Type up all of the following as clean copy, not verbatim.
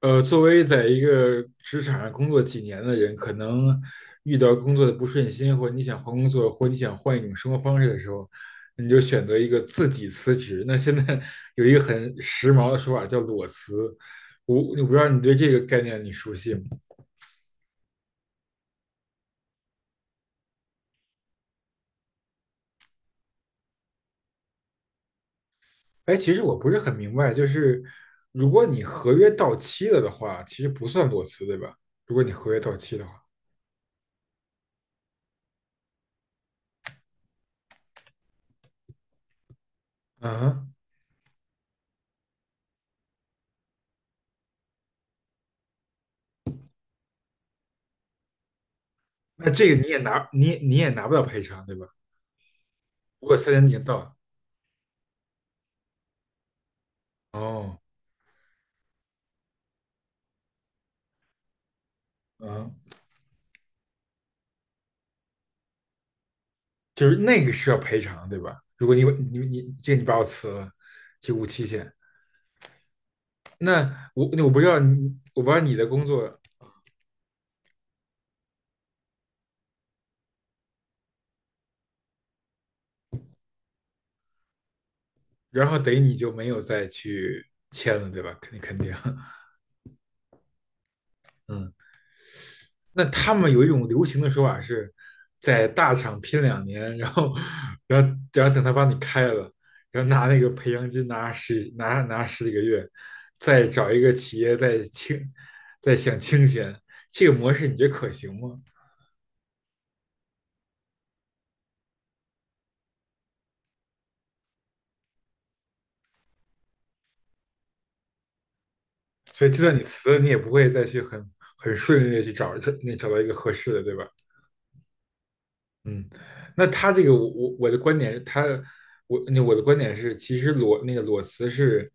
作为在一个职场上工作几年的人，可能遇到工作的不顺心，或者你想换工作，或者你想换一种生活方式的时候，你就选择一个自己辞职。那现在 有一个很时髦的说法叫裸辞，我不知道你对这个概念你熟悉吗？哎，其实我不是很明白，就是如果你合约到期了的话，其实不算裸辞，对吧？如果你合约到期的话，嗯哼。那这个你也拿不到赔偿，对吧？如果三年已经到了。哦。嗯，就是那个是要赔偿，对吧？如果你这个你把我辞了，就无期限。那我那我不知道你，我不知道你的工作。然后等于你就没有再去签了，对吧？肯定，肯定。嗯。那他们有一种流行的说法是，在大厂拼2年，然后等他把你开了，然后拿那个培养金拿十几个月，再找一个企业再享清闲，这个模式你觉得可行吗？所以就算你辞了，你也不会再去很顺利的去找找到一个合适的，对吧？嗯。那他这个我的观点，他我那我的观点是，其实那个裸辞是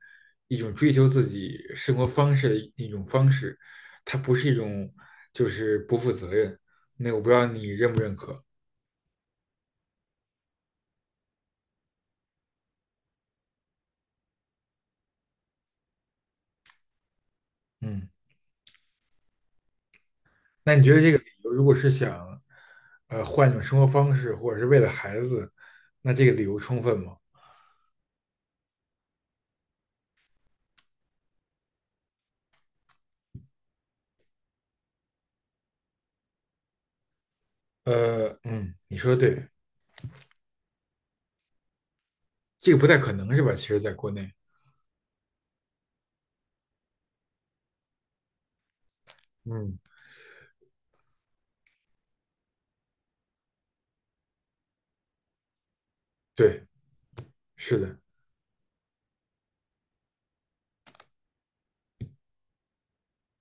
一种追求自己生活方式的一种方式，它不是一种就是不负责任。那我不知道你认不认可？嗯。那你觉得这个理由如果是想换一种生活方式，或者是为了孩子，那这个理由充分吗？嗯，你说的对。这个不太可能是吧？其实在国内。嗯，对，是的，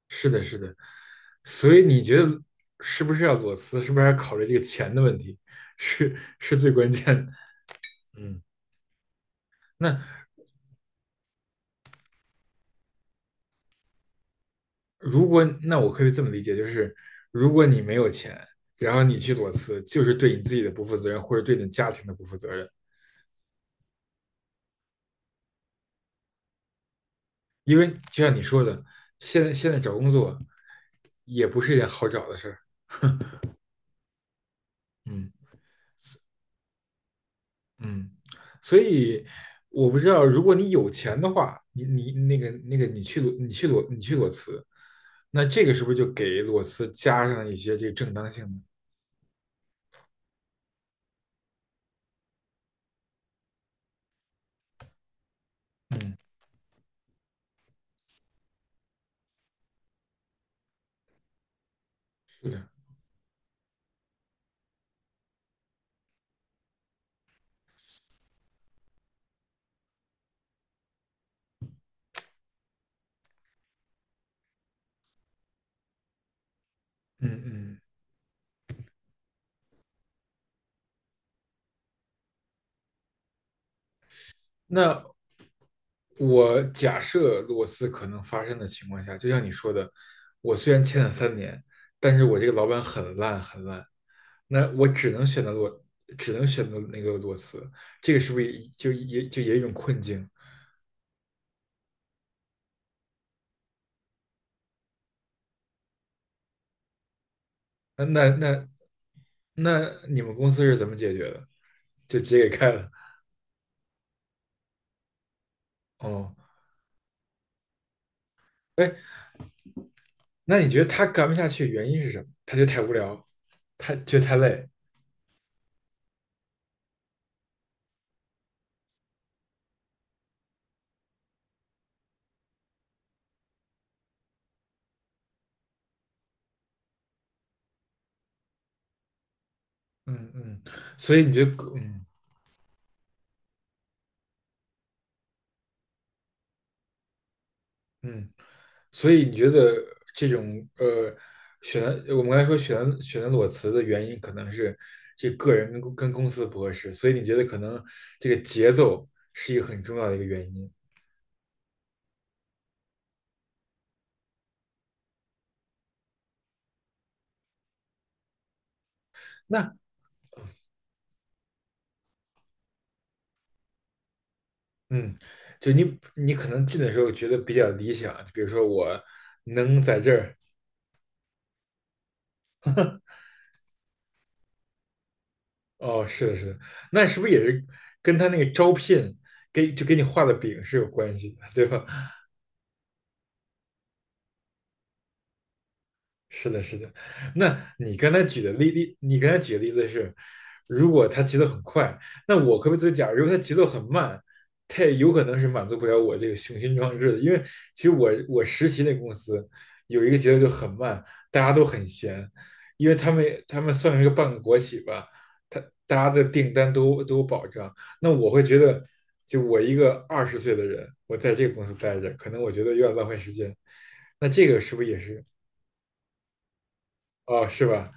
是的，是的。所以你觉得是不是要裸辞？是不是还要考虑这个钱的问题？是最关键的。嗯。那如果那我可以这么理解，就是如果你没有钱，然后你去裸辞，就是对你自己的不负责任，或者对你家庭的不负责任。因为就像你说的，现在找工作也不是一件好找的事儿。嗯。嗯。所以我不知道，如果你有钱的话，你你那个那个你去裸你去裸你去裸辞，那这个是不是就给裸辞加上一些这个正当性呢？嗯，是的，嗯嗯。那我假设裸辞可能发生的情况下，就像你说的，我虽然签了三年，但是我这个老板很烂很烂，那我只能选择裸，只能选择那个裸辞，这个是不是也有一种困境？那那那那你们公司是怎么解决的？就直接给开了？哦。哎，那你觉得他干不下去原因是什么？他觉得太无聊，他觉得太累。嗯嗯。所以你觉得，嗯嗯，所以你觉得这种呃选我们刚才说选择裸辞的原因可能是这个人跟公司不合适，所以你觉得可能这个节奏是一个很重要的一个原因。那。嗯，就你可能进的时候觉得比较理想，就比如说我能在这儿。哦，是的，是的。那是不是也是跟他那个招聘给你画的饼是有关系的，对吧？是的，是的。那你刚才举的例例，你刚才举的例子是，如果他节奏很快，那我可不可以作为假如他节奏很慢，他也有可能是满足不了我这个雄心壮志的。因为其实我实习那公司有一个节奏就很慢，大家都很闲，因为他们算是个半个国企吧，他大家的订单都有保障。那我会觉得，就我一个20岁的人，我在这个公司待着，可能我觉得有点浪费时间。那这个是不是也是。哦，是吧？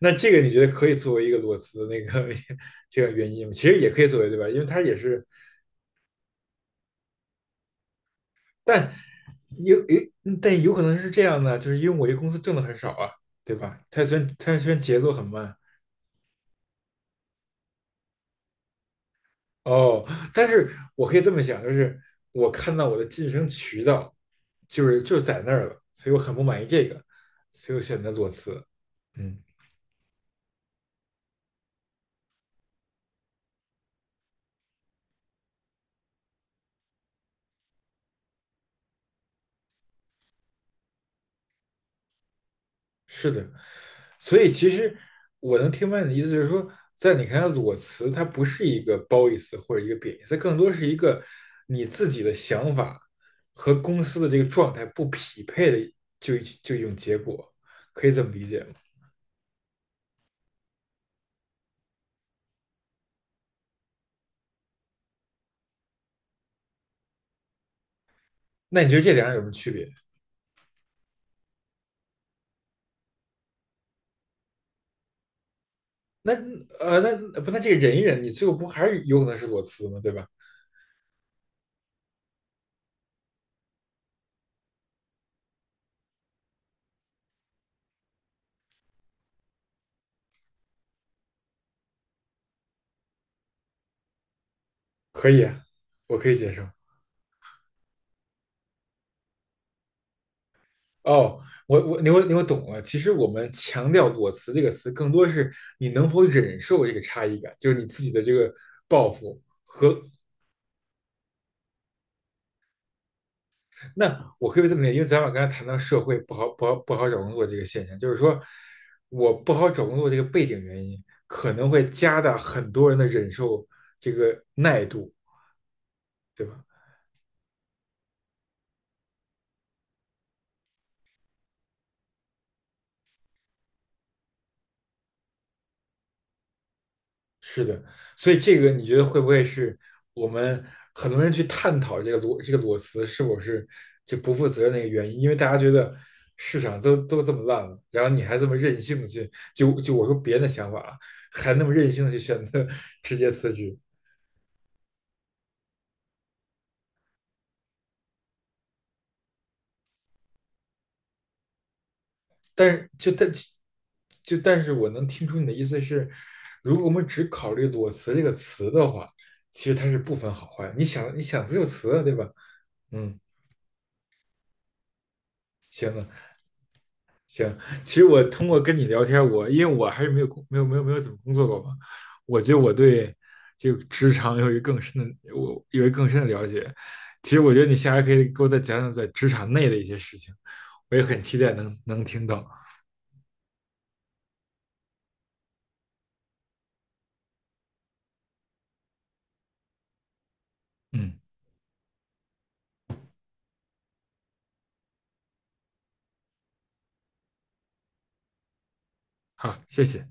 那这个你觉得可以作为一个裸辞的那个 这个原因吗？其实也可以作为，对吧？因为它也是，但有有，但有可能是这样的，就是因为我这公司挣的很少啊，对吧？它虽然节奏很慢。哦，但是我可以这么想，就是我看到我的晋升渠道就是在那儿了，所以我很不满意这个，所以我选择裸辞。嗯，是的。所以其实我能听明白你的意思，就是说，在你看来，裸辞它不是一个褒义词或者一个贬义词，它更多是一个你自己的想法和公司的这个状态不匹配的，就就一种结果，可以这么理解吗？那你觉得这两者有什么区别？那呃，那不，那这个忍一忍，你最后不还是有可能是裸辞吗？对吧？可以啊，我可以接受。哦，我懂了。其实我们强调"裸辞"这个词，更多是你能否忍受这个差异感，就是你自己的这个抱负和。那我可以这么理解，因为咱俩刚才谈到社会不好找工作这个现象，就是说我不好找工作这个背景原因，可能会加大很多人的忍受这个耐度，对吧？是的。所以这个你觉得会不会是我们很多人去探讨这个裸辞是否是就不负责任的一个原因？因为大家觉得市场都这么烂了，然后你还这么任性的去我说别人的想法啊，还那么任性的去选择直接辞职。但是就但就但是我能听出你的意思是，如果我们只考虑裸辞这个词的话，其实它是不分好坏。你想辞就辞啊对吧？嗯。行了。行。其实我通过跟你聊天，我因为我还是没有工没有没有没有怎么工作过嘛，我觉得我对这个职场有一个更深的我有一个更深的了解。其实我觉得你下来可以给我再讲讲在职场内的一些事情，我也很期待能听到。嗯，好，谢谢。